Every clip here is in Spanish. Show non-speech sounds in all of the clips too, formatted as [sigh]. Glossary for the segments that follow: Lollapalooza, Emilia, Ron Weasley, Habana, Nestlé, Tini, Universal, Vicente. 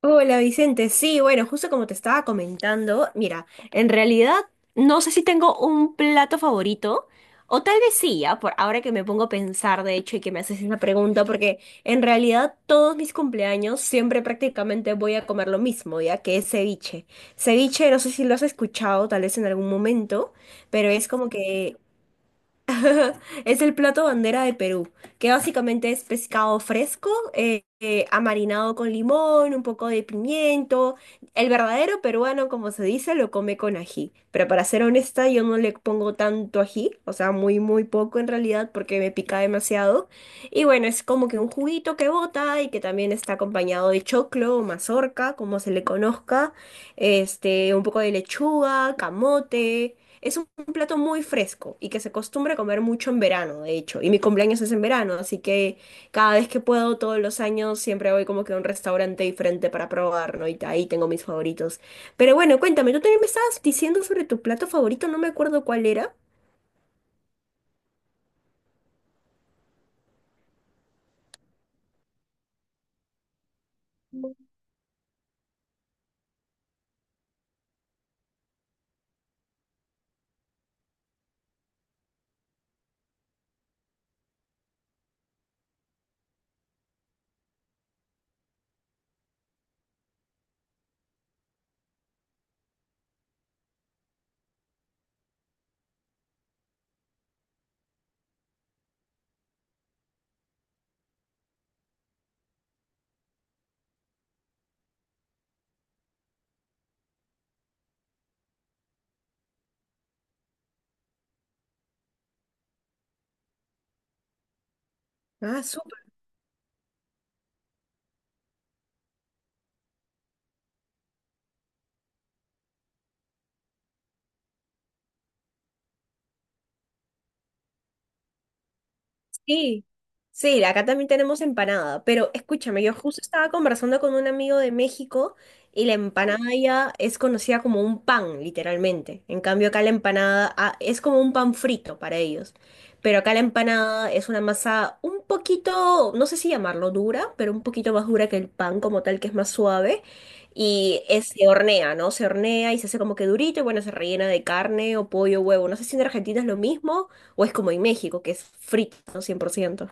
Hola Vicente, sí, bueno, justo como te estaba comentando, mira, en realidad no sé si tengo un plato favorito, o tal vez sí, ya, por ahora que me pongo a pensar, de hecho, y que me haces esa pregunta, porque en realidad todos mis cumpleaños siempre prácticamente voy a comer lo mismo, ya que es ceviche. Ceviche, no sé si lo has escuchado tal vez en algún momento, pero es como que es el plato bandera de Perú, que básicamente es pescado fresco, amarinado con limón, un poco de pimiento. El verdadero peruano, como se dice, lo come con ají. Pero para ser honesta, yo no le pongo tanto ají, o sea, muy, muy poco en realidad, porque me pica demasiado. Y bueno, es como que un juguito que bota y que también está acompañado de choclo o mazorca, como se le conozca, este, un poco de lechuga, camote. Es un plato muy fresco y que se acostumbra a comer mucho en verano, de hecho. Y mi cumpleaños es en verano, así que cada vez que puedo, todos los años, siempre voy como que a un restaurante diferente para probar, ¿no? Y ahí tengo mis favoritos. Pero bueno, cuéntame, tú también me estabas diciendo sobre tu plato favorito, no me acuerdo cuál era. Ah, súper. Sí, sí, acá también tenemos empanada, pero escúchame, yo justo estaba conversando con un amigo de México y la empanada ya es conocida como un pan, literalmente. En cambio, acá la empanada ah, es como un pan frito para ellos. Pero acá la empanada es una masa un poquito, no sé si llamarlo dura, pero un poquito más dura que el pan como tal, que es más suave. Se hornea, ¿no? Se hornea y se hace como que durito y bueno, se rellena de carne o pollo, huevo. No sé si en Argentina es lo mismo. O es como en México, que es frito, ¿no? 100%.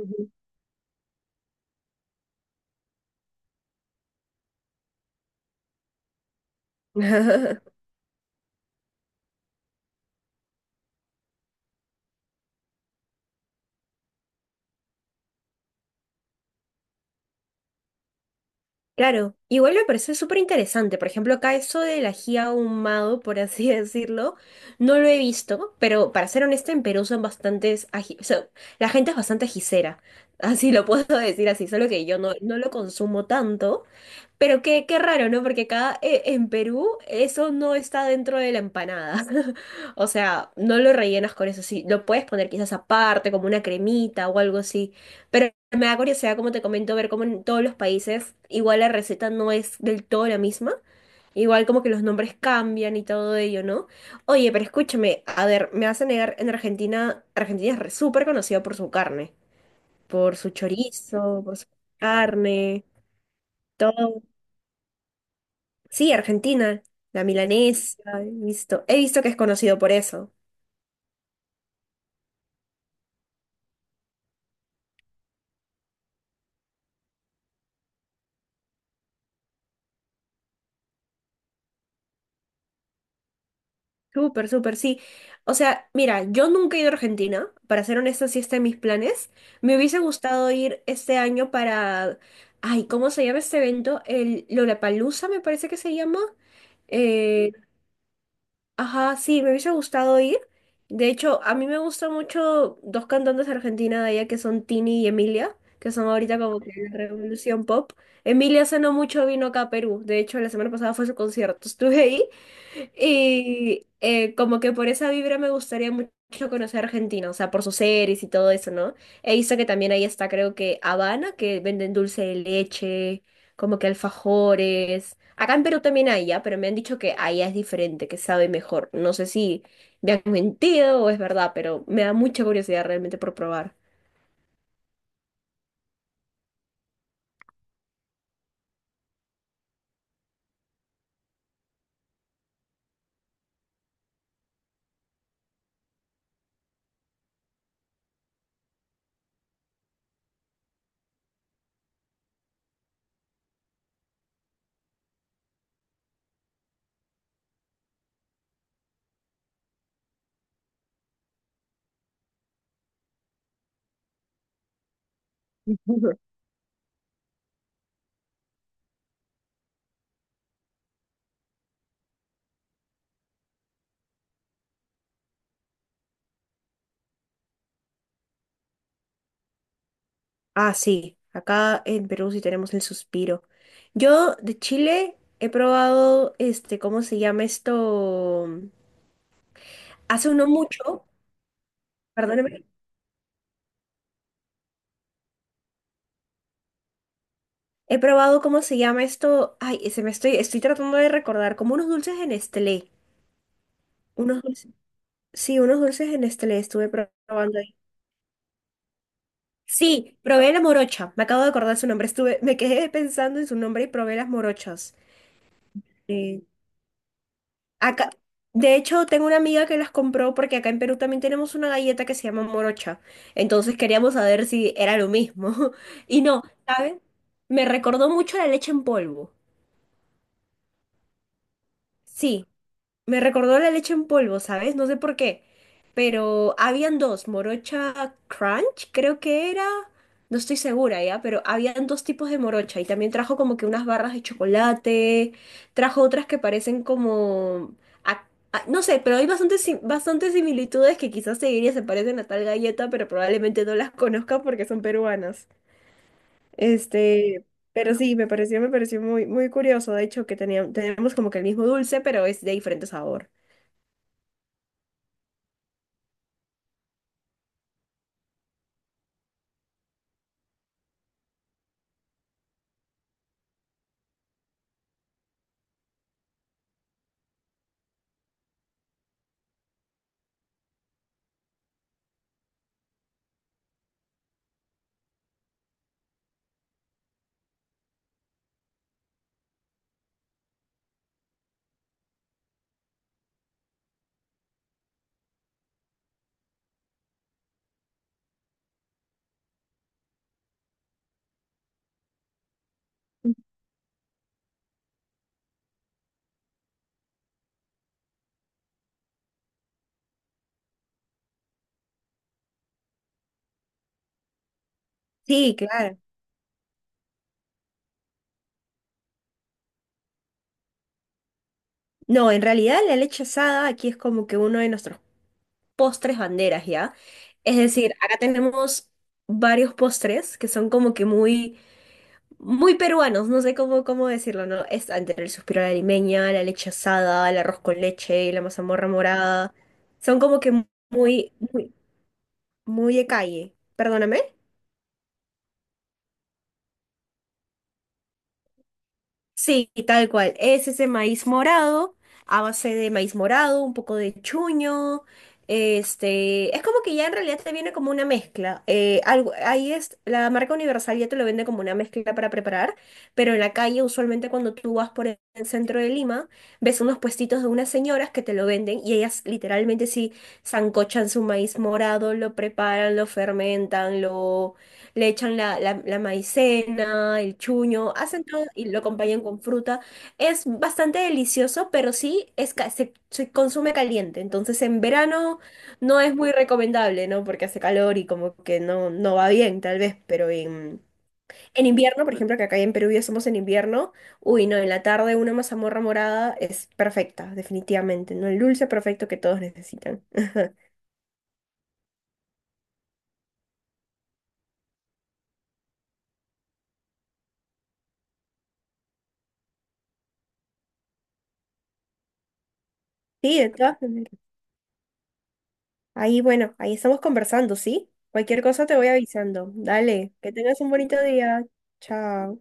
Ujú. [laughs] Claro, igual me parece súper interesante. Por ejemplo, acá eso del ají ahumado, por así [laughs] decirlo, no lo he visto, pero para ser honesta, en Perú son bastantes ají, o sea, la gente es bastante ajicera, [laughs] así lo puedo [laughs] decir así, solo que yo no, no lo consumo tanto. Pero qué, qué raro, ¿no? Porque acá en Perú eso no está dentro de la empanada. [laughs] O sea, no lo rellenas con eso. Sí, lo puedes poner quizás aparte, como una cremita o algo así. Pero me da curiosidad, como te comento, ver cómo en todos los países igual la receta no es del todo la misma. Igual como que los nombres cambian y todo ello, ¿no? Oye, pero escúchame, a ver, me vas a negar, en Argentina, Argentina súper conocida por su carne, por su chorizo, por su carne, todo. Sí, Argentina, la milanesa, he visto que es conocido por eso. Súper, súper, sí. O sea, mira, yo nunca he ido a Argentina, para ser honesta, sí está en mis planes. Me hubiese gustado ir este año para, ay, ¿cómo se llama este evento? El Lollapalooza, me parece que se llama. eh, Ajá, sí, me hubiese gustado ir. De hecho, a mí me gustan mucho dos cantantes de Argentina de allá que son Tini y Emilia, que son ahorita como que la revolución pop. Emilia hace no mucho vino acá a Perú. De hecho, la semana pasada fue su concierto. [laughs] Estuve ahí y como que por esa vibra me gustaría mucho conocer Argentina, o sea, por sus series y todo eso, ¿no? He visto que también ahí está, creo que Habana, que venden dulce de leche, como que alfajores. Acá en Perú también hay, ya, pero me han dicho que allá es diferente, que sabe mejor. No sé si me han mentido o es verdad, pero me da mucha curiosidad realmente por probar. [laughs] Ah, sí, acá en Perú sí tenemos el suspiro. Yo de Chile he probado, este, ¿cómo se llama esto? Hace uno mucho, perdóneme, he probado, ¿cómo se llama esto? Ay, se me estoy, tratando de recordar, como unos dulces en Nestlé. Unos dulces, sí, unos dulces en Nestlé estuve probando ahí. Sí, probé la morocha, me acabo de acordar su nombre, estuve, me quedé pensando en su nombre y probé las morochas. eh, Acá, de hecho, tengo una amiga que las compró porque acá en Perú también tenemos una galleta que se llama morocha. Entonces queríamos saber si era lo mismo. [laughs] Y no, ¿sabes? Me recordó mucho la leche en polvo. Sí, me recordó la leche en polvo, ¿sabes? No sé por qué. Pero habían dos, morocha crunch, creo que era, no estoy segura ya, pero habían dos tipos de morocha y también trajo como que unas barras de chocolate, trajo otras que parecen como, a- no sé, pero hay bastantes, bastantes similitudes que quizás seguiría se parecen a tal galleta, pero probablemente no las conozca porque son peruanas. Este, pero sí, me pareció muy, muy curioso, de hecho, que teníamos, tenemos como que el mismo dulce, pero es de diferente sabor. Sí, claro. No, en realidad la leche asada aquí es como que uno de nuestros postres banderas, ¿ya? Es decir, acá tenemos varios postres que son como que muy, muy peruanos, no sé cómo, cómo decirlo, ¿no? Es entre el suspiro a la limeña, la leche asada, el arroz con leche, la mazamorra morada. Son como que muy, muy, muy de calle. Perdóname. Sí, tal cual. Es ese maíz morado, a base de maíz morado, un poco de chuño. Este, es como que ya en realidad te viene como una mezcla. Algo, ahí es, la marca Universal ya te lo vende como una mezcla para preparar, pero en la calle usualmente cuando tú vas por el centro de Lima, ves unos puestitos de unas señoras que te lo venden y ellas literalmente sí sancochan su maíz morado, lo preparan, lo fermentan, lo, le echan la maicena, el chuño, hacen todo y lo acompañan con fruta. Es bastante delicioso, pero sí es, se, se consume caliente. Entonces en verano no es muy recomendable, ¿no? Porque hace calor y como que no, no va bien, tal vez. Pero en invierno, por ejemplo, que acá en Perú ya somos en invierno, uy, no, en la tarde una mazamorra morada es perfecta, definitivamente, ¿no? El dulce perfecto que todos necesitan. Sí, de todas maneras. Ahí, bueno, ahí estamos conversando, ¿sí? Cualquier cosa te voy avisando. Dale, que tengas un bonito día. Chao.